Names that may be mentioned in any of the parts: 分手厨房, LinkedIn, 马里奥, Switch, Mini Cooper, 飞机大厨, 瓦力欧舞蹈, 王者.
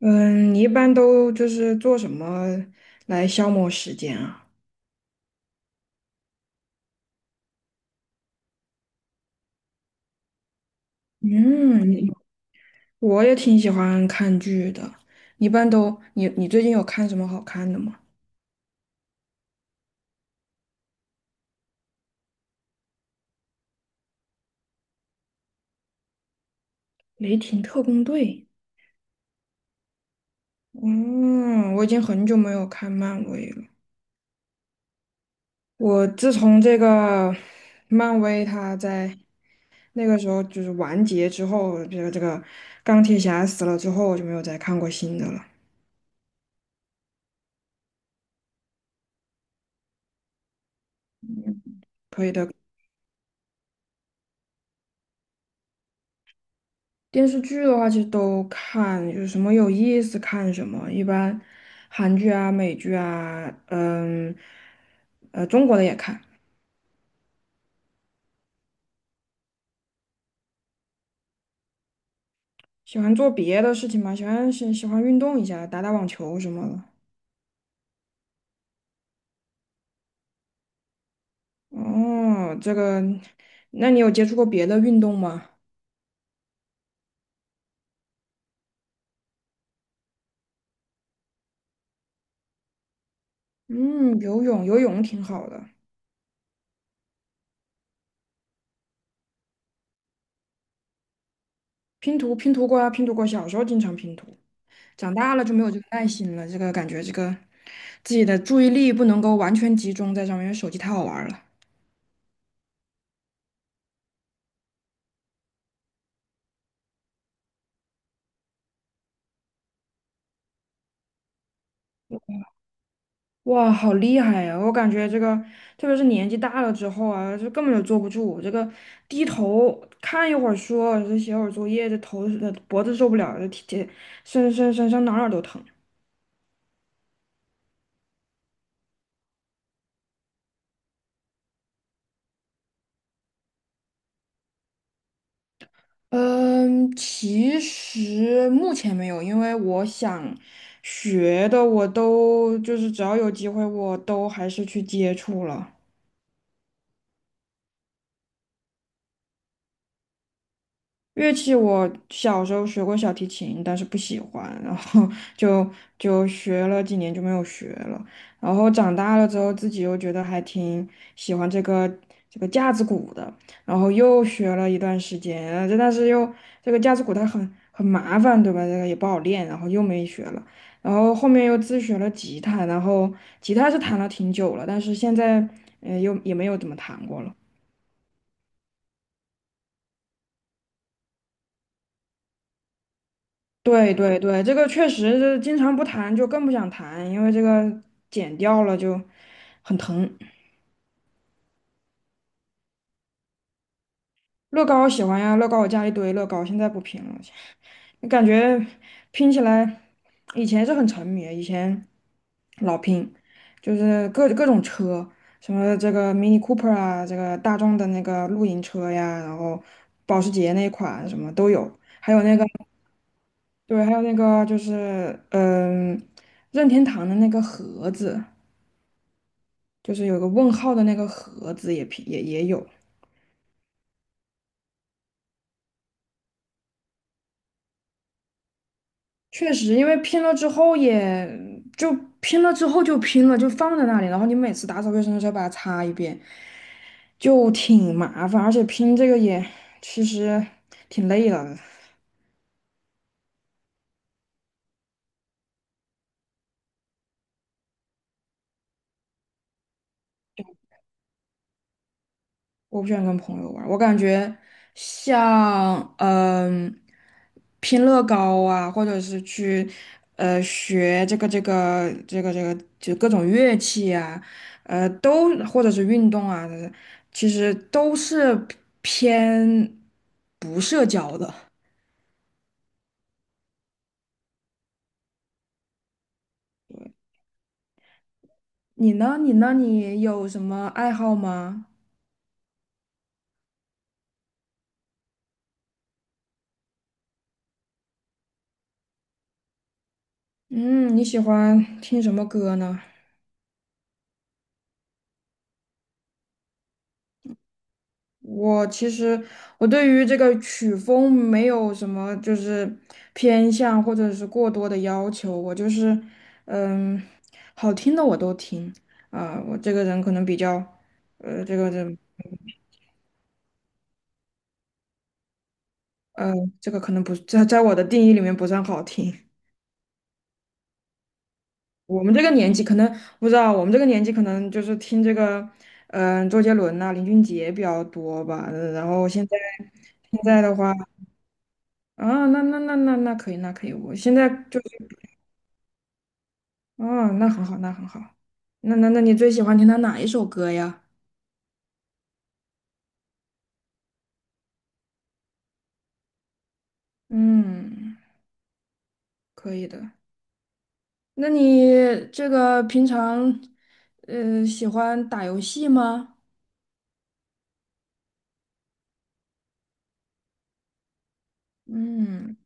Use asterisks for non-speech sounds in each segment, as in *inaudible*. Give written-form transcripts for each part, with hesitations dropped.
嗯，你一般都就是做什么来消磨时间啊？嗯，我也挺喜欢看剧的。一般都，你最近有看什么好看的吗？《雷霆特工队》。嗯，我已经很久没有看漫威了。我自从这个漫威它在那个时候就是完结之后，这个钢铁侠死了之后，我就没有再看过新的了。电视剧的话，其实都看，有什么有意思看什么。一般韩剧啊、美剧啊，中国的也看。喜欢做别的事情嘛，喜欢运动一下，打打网球什么的。哦，这个，那你有接触过别的运动吗？嗯，游泳，游泳挺好的。拼图，拼图过啊，拼图过。小时候经常拼图，长大了就没有这个耐心了。这个感觉，这个自己的注意力不能够完全集中在上面，因为手机太好玩了。哇，好厉害呀！我感觉这个，特别是年纪大了之后啊，就根本就坐不住。这个低头看一会儿书，这写会儿作业，这头脖子受不了，这体这身上哪儿哪儿都疼。嗯，其实目前没有，因为我想学的我都就是只要有机会我都还是去接触了。乐器我小时候学过小提琴，但是不喜欢，然后 *laughs* 就就学了几年就没有学了。然后长大了之后，自己又觉得还挺喜欢这个架子鼓的，然后又学了一段时间，但是又这个架子鼓它很麻烦，对吧？这个也不好练，然后又没学了。然后后面又自学了吉他，然后吉他是弹了挺久了，但是现在又也没有怎么弹过了。对对对，这个确实是经常不谈就更不想谈，因为这个剪掉了就很疼。乐高我喜欢呀，乐高我家一堆乐高，现在不拼了，*laughs* 感觉拼起来以前是很沉迷，以前老拼，就是各种车，什么这个 Mini Cooper 啊，这个大众的那个露营车呀，然后保时捷那款什么都有，还有那个对，还有那个就是任天堂的那个盒子。就是有个问号的那个盒子也拼也有，确实，因为拼了之后也就拼了之后就拼了，就放在那里，然后你每次打扫卫生的时候把它擦一遍，就挺麻烦，而且拼这个也其实挺累的。我不喜欢跟朋友玩儿，我感觉像拼乐高啊，或者是去学这个就各种乐器啊，都或者是运动啊，其实都是偏不社交的。你呢？你呢？你有什么爱好吗？嗯，你喜欢听什么歌呢？我其实我对于这个曲风没有什么就是偏向或者是过多的要求，我就是嗯，好听的我都听啊、我这个人可能比较呃，这个人呃，这个可能不在我的定义里面不算好听。我们这个年纪可能不知道，我们这个年纪可能就是听这个周杰伦呐、林俊杰比较多吧，然后现在的话。啊，那可以，那可以。我现在就哦，那很好，那很好。那你最喜欢听他哪一首歌呀？嗯，可以的。那你这个平常，喜欢打游戏吗？嗯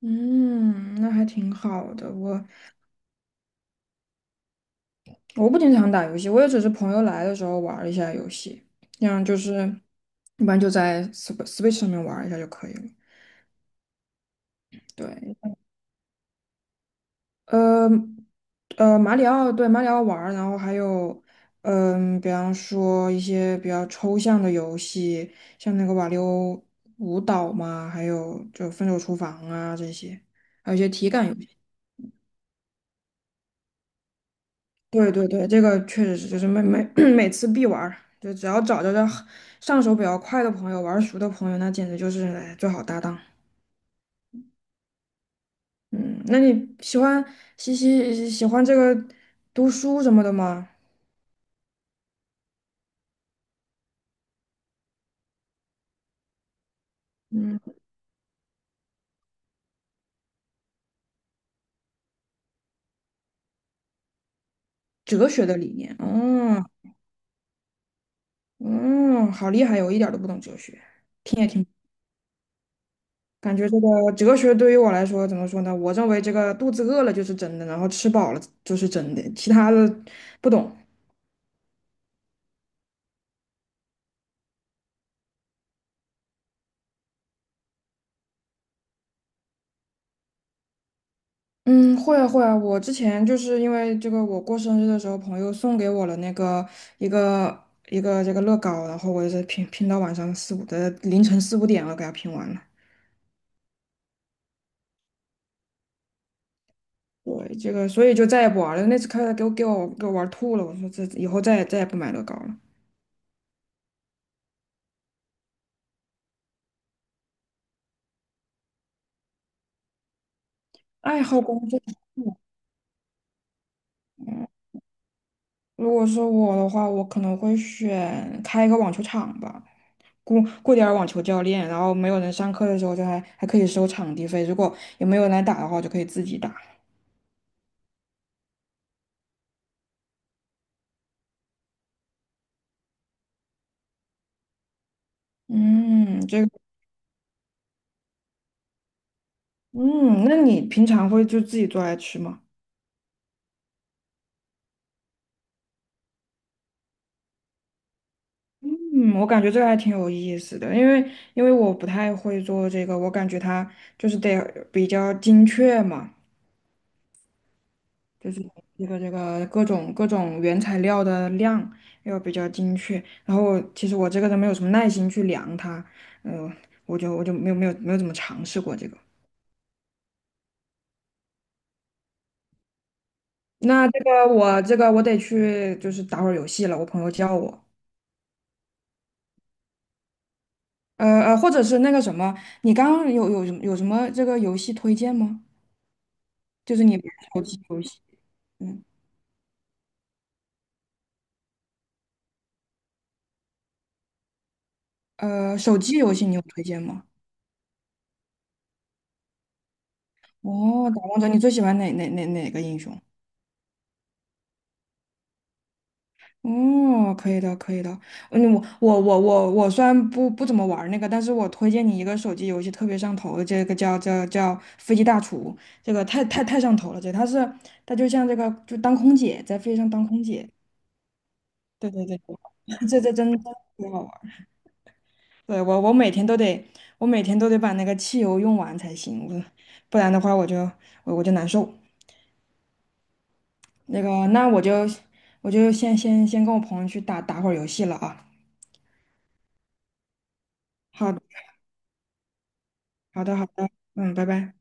嗯，那还挺好的。我不经常打游戏，我也只是朋友来的时候玩儿一下游戏，这样就是一般就在 Switch 上面玩儿一下就可以了。对，呃马里奥对马里奥玩儿，然后还有比方说一些比较抽象的游戏，像那个瓦力欧舞蹈嘛，还有就分手厨房啊这些，还有一些体感游戏。对对对，这个确实是，就是*clears throat* 每次必玩儿，就只要找着这上手比较快的朋友，玩儿熟的朋友，那简直就是哎最好搭档。嗯，那你喜欢这个读书什么的吗？嗯。哲学的理念，嗯嗯，好厉害我一点儿都不懂哲学，听也听不懂，感觉这个哲学对于我来说怎么说呢？我认为这个肚子饿了就是真的，然后吃饱了就是真的，其他的不懂。嗯，会啊会啊，我之前就是因为这个，我过生日的时候，朋友送给我了那个一个一个这个乐高，然后我是拼到晚上四五的凌晨四五点了，给它拼完了。对，这个所以就再也不玩了。那次开始给我玩吐了，我说这以后再也不买乐高了。爱好工作室。嗯如果是我的话，我可能会选开一个网球场吧，雇雇点儿网球教练，然后没有人上课的时候就还可以收场地费，如果也没有人来打的话，我就可以自己打。嗯，这个，嗯，那你平常会就自己做来吃吗？嗯，我感觉这个还挺有意思的，因为我不太会做这个，我感觉它就是得比较精确嘛。就是这个各种原材料的量要比较精确。然后我其实我这个人没有什么耐心去量它，嗯、我就没有怎么尝试过这个。那这个我这个我得去就是打会儿游戏了，我朋友叫我，或者是那个什么，你刚刚有什么这个游戏推荐吗？就是你玩手机游戏，嗯，手机游戏你有推荐吗？哦，打王者你最喜欢哪个英雄？哦，可以的，可以的。嗯，我虽然不怎么玩儿那个，但是我推荐你一个手机游戏特别上头的，这个叫《飞机大厨》，这个太上头了。这他是他就像这个就当空姐，在飞机上当空姐。对对对，*laughs* 这真真特别好玩儿。对我每天都得把那个汽油用完才行，我不然的话我就难受。那我就先跟我朋友去打打会儿游戏了啊。好。好的，好的，嗯，拜拜。